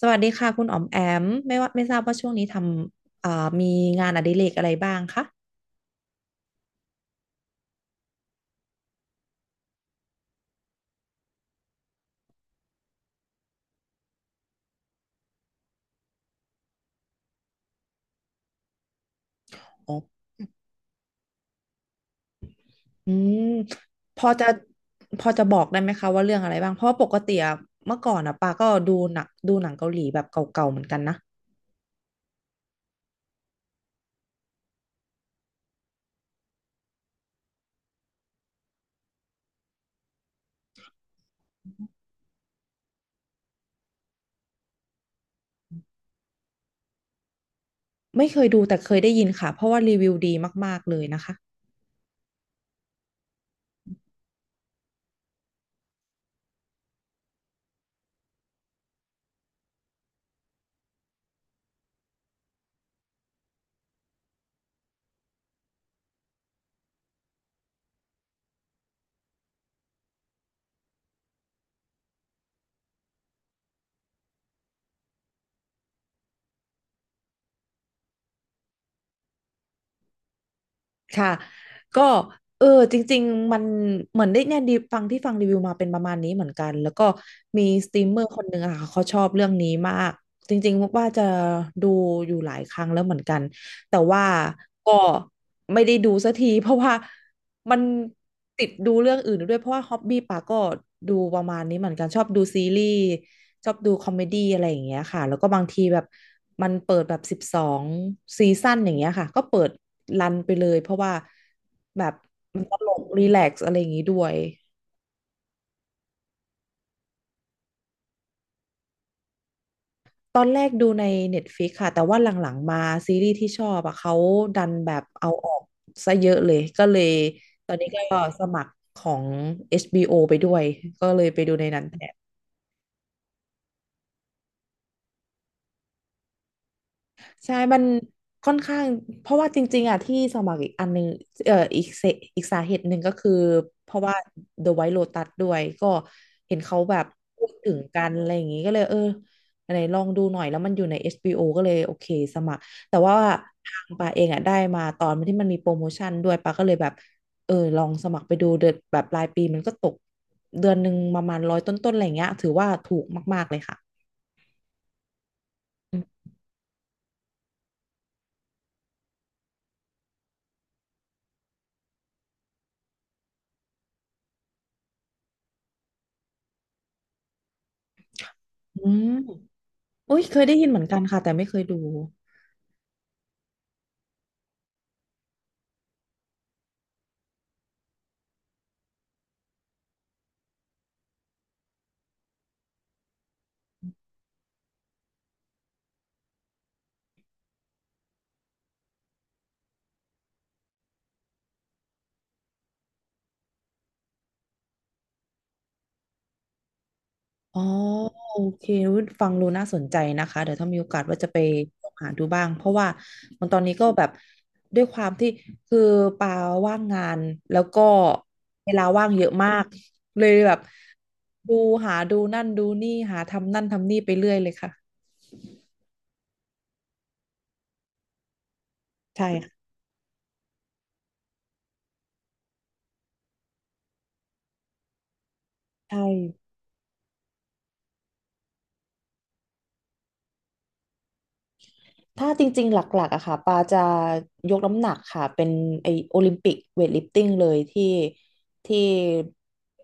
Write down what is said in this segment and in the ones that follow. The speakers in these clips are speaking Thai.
สวัสดีค่ะคุณอ๋อมแอมไม่ว่าไม่ทราบว่าช่วงนี้ทำมีงานอดิเรกอะไรบ้างคะอ๋ออืมพอจะพอจะบอกได้ไหมคะว่าเรื่องอะไรบ้างเพราะว่าปกติอะเมื่อก่อนอะปาก็ดูหนักดูหนังเกาหลีแบบเก่าๆเหมือนกันนะไม่เคยดูแต่เคยได้ยินค่ะเพราะว่ารีวิวดีมากๆเลยนะคะ ค่ะก็เออจริงๆมันเหมือนได้เนี่ยดีฟังที่ฟังรีวิวมาเป็นประมาณนี้เหมือนกันแล้วก็มีสตรีมเมอร์คนหนึ่งอะค่ะเขาชอบเรื่องนี้มากจริงๆว่าจะดูอยู่หลายครั้งแล้วเหมือนกันแต่ว่าก็ไม่ได้ดูสักทีเพราะว่า มันติดดูเรื่องอื่นด้วยเพราะว่าฮ็อบบี้ปาก็ดูประมาณนี้เหมือนกันชอบดูซีรีส์ชอบดูคอมเมดี้อะไรอย่างเงี้ยค่ะแล้วก็บางทีแบบมันเปิดแบบ12ซีซั่นอย่างเงี้ยค่ะก็เปิดรันไปเลยเพราะว่าแบบมันตลกรีแลกซ์อะไรอย่างงี้ด้วยตอนแรกดูใน Netflix ค่ะแต่ว่าหลังๆมาซีรีส์ที่ชอบอะเขาดันแบบเอาออกซะเยอะเลยก็เลยตอนนี้ก็สมัครของเอชบีโอไปด้วยก็เลยไปดูในนั้นแท ใช่มันค่อนข้างเพราะว่าจริงๆอ่ะที่สมัครอีกอันหนึงเอ่ออีกเสอีกสาเหตุหนึ่งก็คือเพราะว่า The White Lotus ด้วยก็เห็นเขาแบบพูดถึงกันอะไรอย่างงี้ก็เลยเอออะไรลองดูหน่อยแล้วมันอยู่ใน HBO ก็เลยโอเคสมัครแต่ว่าทางปาเองอ่ะได้มาตอนที่มันมีโปรโมชั่นด้วยปาก็เลยแบบเออลองสมัครไปดูเดือนแบบปลายปีมันก็ตกเดือนหนึ่งประมาณร้อยต้นๆอะไรอย่างเงี้ยถือว่าถูกมากๆเลยค่ะอืม โอ้ยเคยได้ยินเหมือนกันค่ะแต่ไม่เคยดูอ๋อโอเคอุ๊ยฟังดูน่าสนใจนะคะเดี๋ยวถ้ามีโอกาสว่าจะไปหาดูบ้างเพราะว่ามันตอนนี้ก็แบบด้วยความที่คือปาว่างงานแล้วก็เวลาว่างเยอะมากเลยแบบดูหาดูนั่นดูนี่หาทำนั่นทำนี่ไปเรื่อยเลยค่ะใช่ค่ะใช่ ถ้าจริงๆ หลักๆอะค่ะปาจะยกน้ำหนักค่ะ เป็นไอโอลิมปิกเวทลิฟติ้งเลยที่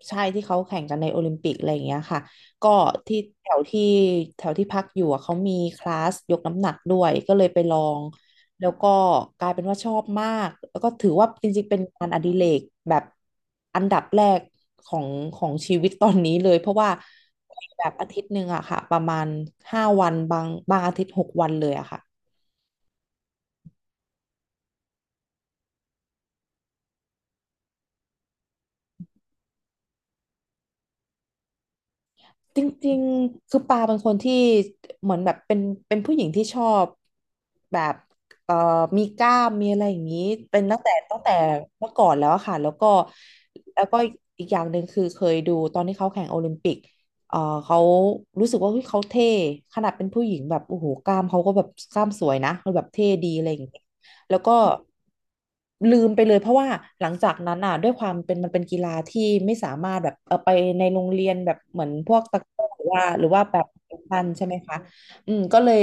ใช่ที่เขาแข่งกันในโอลิมปิกอะไรอย่างเงี้ยค่ะ ก็ที่แถวที่แถวที่พักอยู่อะเขามีคลาสยกน้ำหนักด้วยก็เลยไปลอง แล้วก็กลายเป็นว่าชอบมาก แล้วก็ถือว่าจริงๆ เป็นงานอดิเรกแบบอันดับแรกของของชีวิตตอนนี้เลย เพราะว่าแบบอาทิตย์หนึ่งอะค่ะ ประมาณ5 วันบางบางอาทิตย์6 วันเลยอะค่ะ จริงๆคือปาเป็นคนที่เหมือนแบบเป็นผู้หญิงที่ชอบแบบเอ่อมีกล้ามมีอะไรอย่างนี้เป็นตั้งแต่เมื่อก่อนแล้วอะค่ะแล้วก็แล้วก็อีกอย่างหนึ่งคือเคยดูตอนที่เขาแข่งโอลิมปิกเอ่อเขารู้สึกว่าเฮ้ยเขาเท่ขนาดเป็นผู้หญิงแบบโอ้โหกล้ามเขาก็แบบกล้ามสวยนะเขาแบบเท่ดีอะไรอย่างนี้ แล้วก็ลืมไปเลยเพราะว่าหลังจากนั้นอ่ะด้วยความเป็นมันเป็นกีฬาที่ไม่สามารถแบบเออไปในโรงเรียนแบบเหมือนพวกตะกร้อหรือว่าแบบแข่ันใช่ไหมคะอืมก็เลย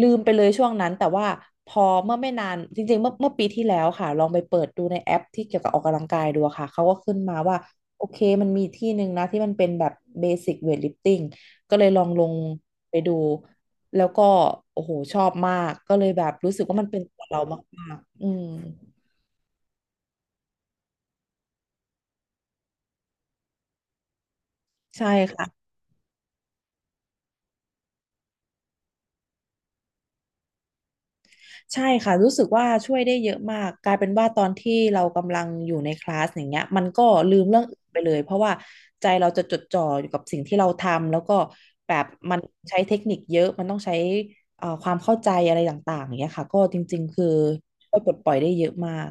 ลืมไปเลยช่วงนั้นแต่ว่าพอเมื่อไม่นานจริงๆเมื่อปีที่แล้วค่ะลองไปเปิดดูในแอปที่เกี่ยวกับออกกำลังกายดูอะค่ะเขาก็ขึ้นมาว่าโอเคมันมีที่หนึ่งนะที่มันเป็นแบบเบสิ c เวทลิฟติ้งก็เลยลองลงไปดู แล้วก็โอ้โหชอบมากก็เลยแบบรู้สึกว่ามันเป็นตัวเรามากๆอืมใช่ค่ะใช่ค่ะรู้สึกว่าช่วยได้เยอะมากกลายเป็นว่าตอนที่เรากำลังอยู่ในคลาสอย่างเงี้ยมันก็ลืมเรื่องอื่นไปเลยเพราะว่าใจเราจะจดจ่ออยู่กับสิ่งที่เราทำแล้วก็แบบมันใช้เทคนิคเยอะมันต้องใช้ความเข้าใจอะไรต่างๆอย่างเงี้ยค่ะก็จริงๆคือช่วยปลดปล่อยได้เยอะมาก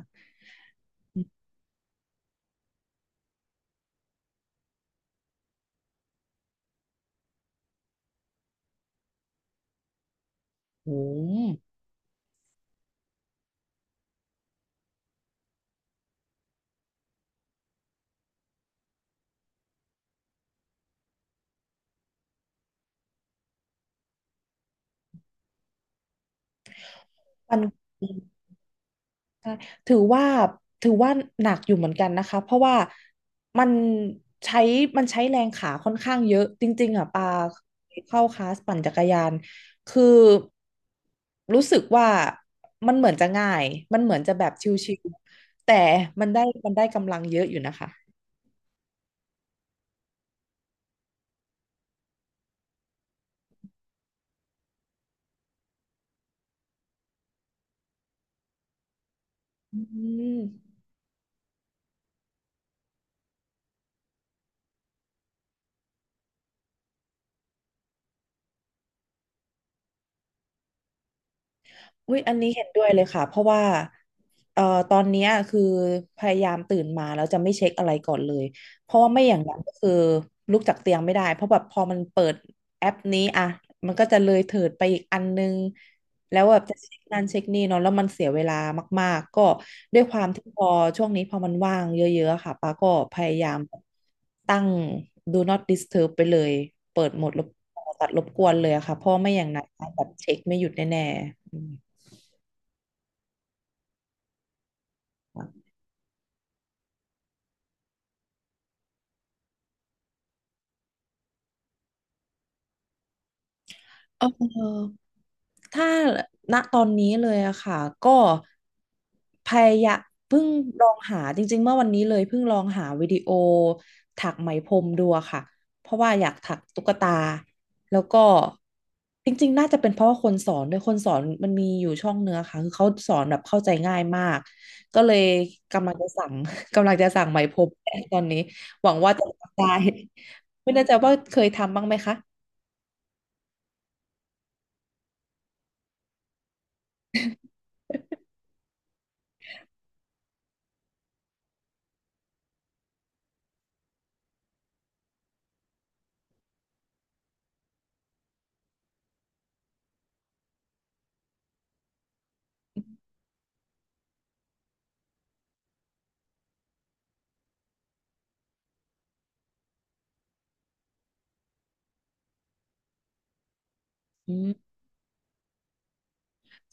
โอ้โหมัน ใช่ถือว่าถือว่าหนักอยู่เหมือนกันนะคะ เพราะว่ามันใช้มันใช้แรงขาค่อนข้างเยอะจริงๆอ่ะปาเข้าคลาสปั่นจักรยาน คือรู้สึกว่ามันเหมือนจะง่าย มันเหมือนจะแบบชิวๆแต่มันได้มันได้กำลังเยอะอยู่นะคะอืม อุ๊ยอันนี้เห็นด้วยเลยค่ะเพราะว่าเอ่อตอนเนี้ยคือพยายามตื่นมาแล้วจะไม่เช็คอะไรก่อนเลยเพราะว่าไม่อย่างนั้นก็คือลุกจากเตียงไม่ได้เพราะแบบพอมันเปิดแอปนี้อ่ะมันก็จะเลยเถิดไปอีกอันนึงแล้วแบบจะเช็คนั่นเช็คนี่เนาะแล้วมันเสียเวลามากๆก็ด้วยความที่พอช่วงนี้พอมันว่างเยอะๆค่ะป้าก็พยายามตั้ง Do not disturb ไปเลยเปิดโหมดรบตัดรบกวนเลยอะค่ะเพราะไม่อย่างนั้นแบบเช็คไม่หยุดแน่ๆอืม เออถ้าณตอนนี้เลยอะค่ะก็พยายามเพิ่งลองหาจริงๆเมื่อวันนี้เลยเพิ่งลองหาวิดีโอถักไหมพรมดูอะค่ะเพราะว่าอยากถักตุ๊กตาแล้วก็จริงๆน่าจะเป็นเพราะว่าคนสอนด้วยคนสอนมันมีอยู่ช่องเนื้อค่ะคือเขาสอนแบบเข้าใจง่ายมากก็เลยกำลังจะสั่ง กำลังจะสั่งไหมพรมตอนนี้หวังว่าจะทำได้ไม่แน่ใจว่าเคยทำบ้างไหมคะอื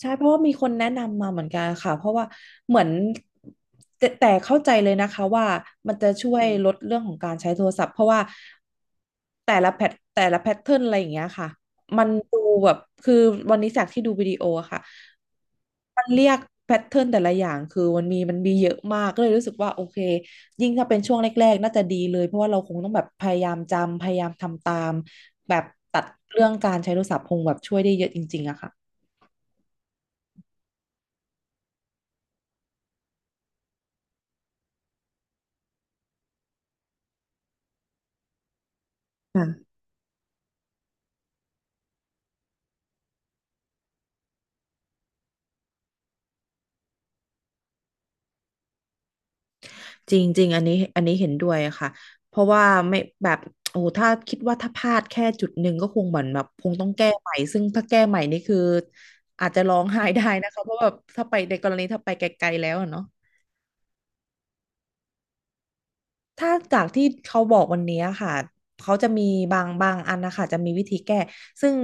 ใช่เพราะว่ามีคนแนะนำมาเหมือนกันค่ะเพราะว่าเหมือนแต่เข้าใจเลยนะคะว่ามันจะช่วยลดเรื่องของการใช้โทรศัพท์เพราะว่าแต่ละแพทแต่ละแพทเทิร์นอะไรอย่างเงี้ยค่ะมันดูแบบคือวันนี้จากที่ดูวิดีโออะค่ะมันเรียกแพทเทิร์นแต่ละอย่างคือมันมีเยอะมากก็เลยรู้สึกว่าโอเคยิ่งถ้าเป็นช่วงแรกๆน่าจะดีเลยเพราะว่าเราคงต้องแบบพยายามจำพยายามทำตามแบบตัดเรื่องการใช้โทรศัพท์คงแบบช่วยได้เยอะจริงๆอะค่ะค่ะ จริงจริงอันนี้เห็นด้วยค่ะเพราะว่าไม่แบบโอ้โหถ้าคิดว่าถ้าพลาดแค่จุดหนึ่งก็คงเหมือนแบบคงต้องแก้ใหม่ซึ่งถ้าแก้ใหม่นี่คืออาจจะร้องไห้ได้นะคะเพราะแบบถ้าไปในกรณีถ้าไปไกลๆแล้วอะเนาะ ถ้าจากที่เขาบอกวันนี้ค่ะเขาจะมีบางอันนะคะจะมีวิธีแก้ซึ่ง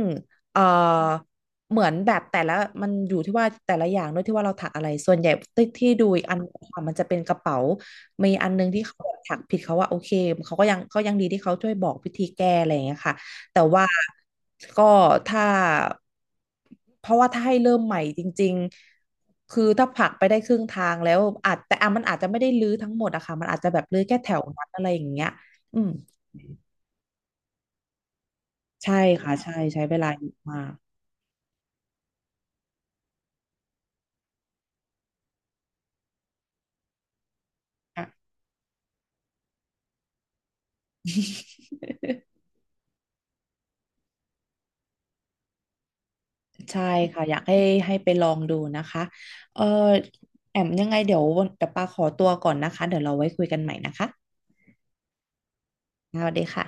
เอ่อเหมือนแบบแต่ละมันอยู่ที่ว่าแต่ละอย่างด้วยที่ว่าเราถักอะไรส่วนใหญ่ที่ที่ดูอีกอันค่ะมันจะเป็นกระเป๋ามีอันนึงที่เขาถักผิดเขาว่าโอเคเขาก็ยังเขายังดีที่เขาช่วยบอกวิธีแก้อะไรอย่างเงี้ยค่ะ แต่ว่าก็ถ้าเพราะว่าถ้าให้เริ่มใหม่จริงๆคือถ้าผลักไปได้ครึ่งทางแล้วอาจแต่อ่ะมันอาจจะไม่ได้รื้อทั้งหมดอะค่ะมันอาจจะแบบรื้อแค่แถวนั้นอะไรอย่างเงี้ยอืมใช่ค่ะใช่ใช้เวลาเยอะมากค่ะ ใช่ค่ะอยากให้ให้ไปลองดูนะคะเออแอมยังไงเดี๋ยวเดี๋ยวปาขอตัวก่อนนะคะเดี๋ยวเราไว้คุยกันใหม่นะคะสวัสดีค่ะ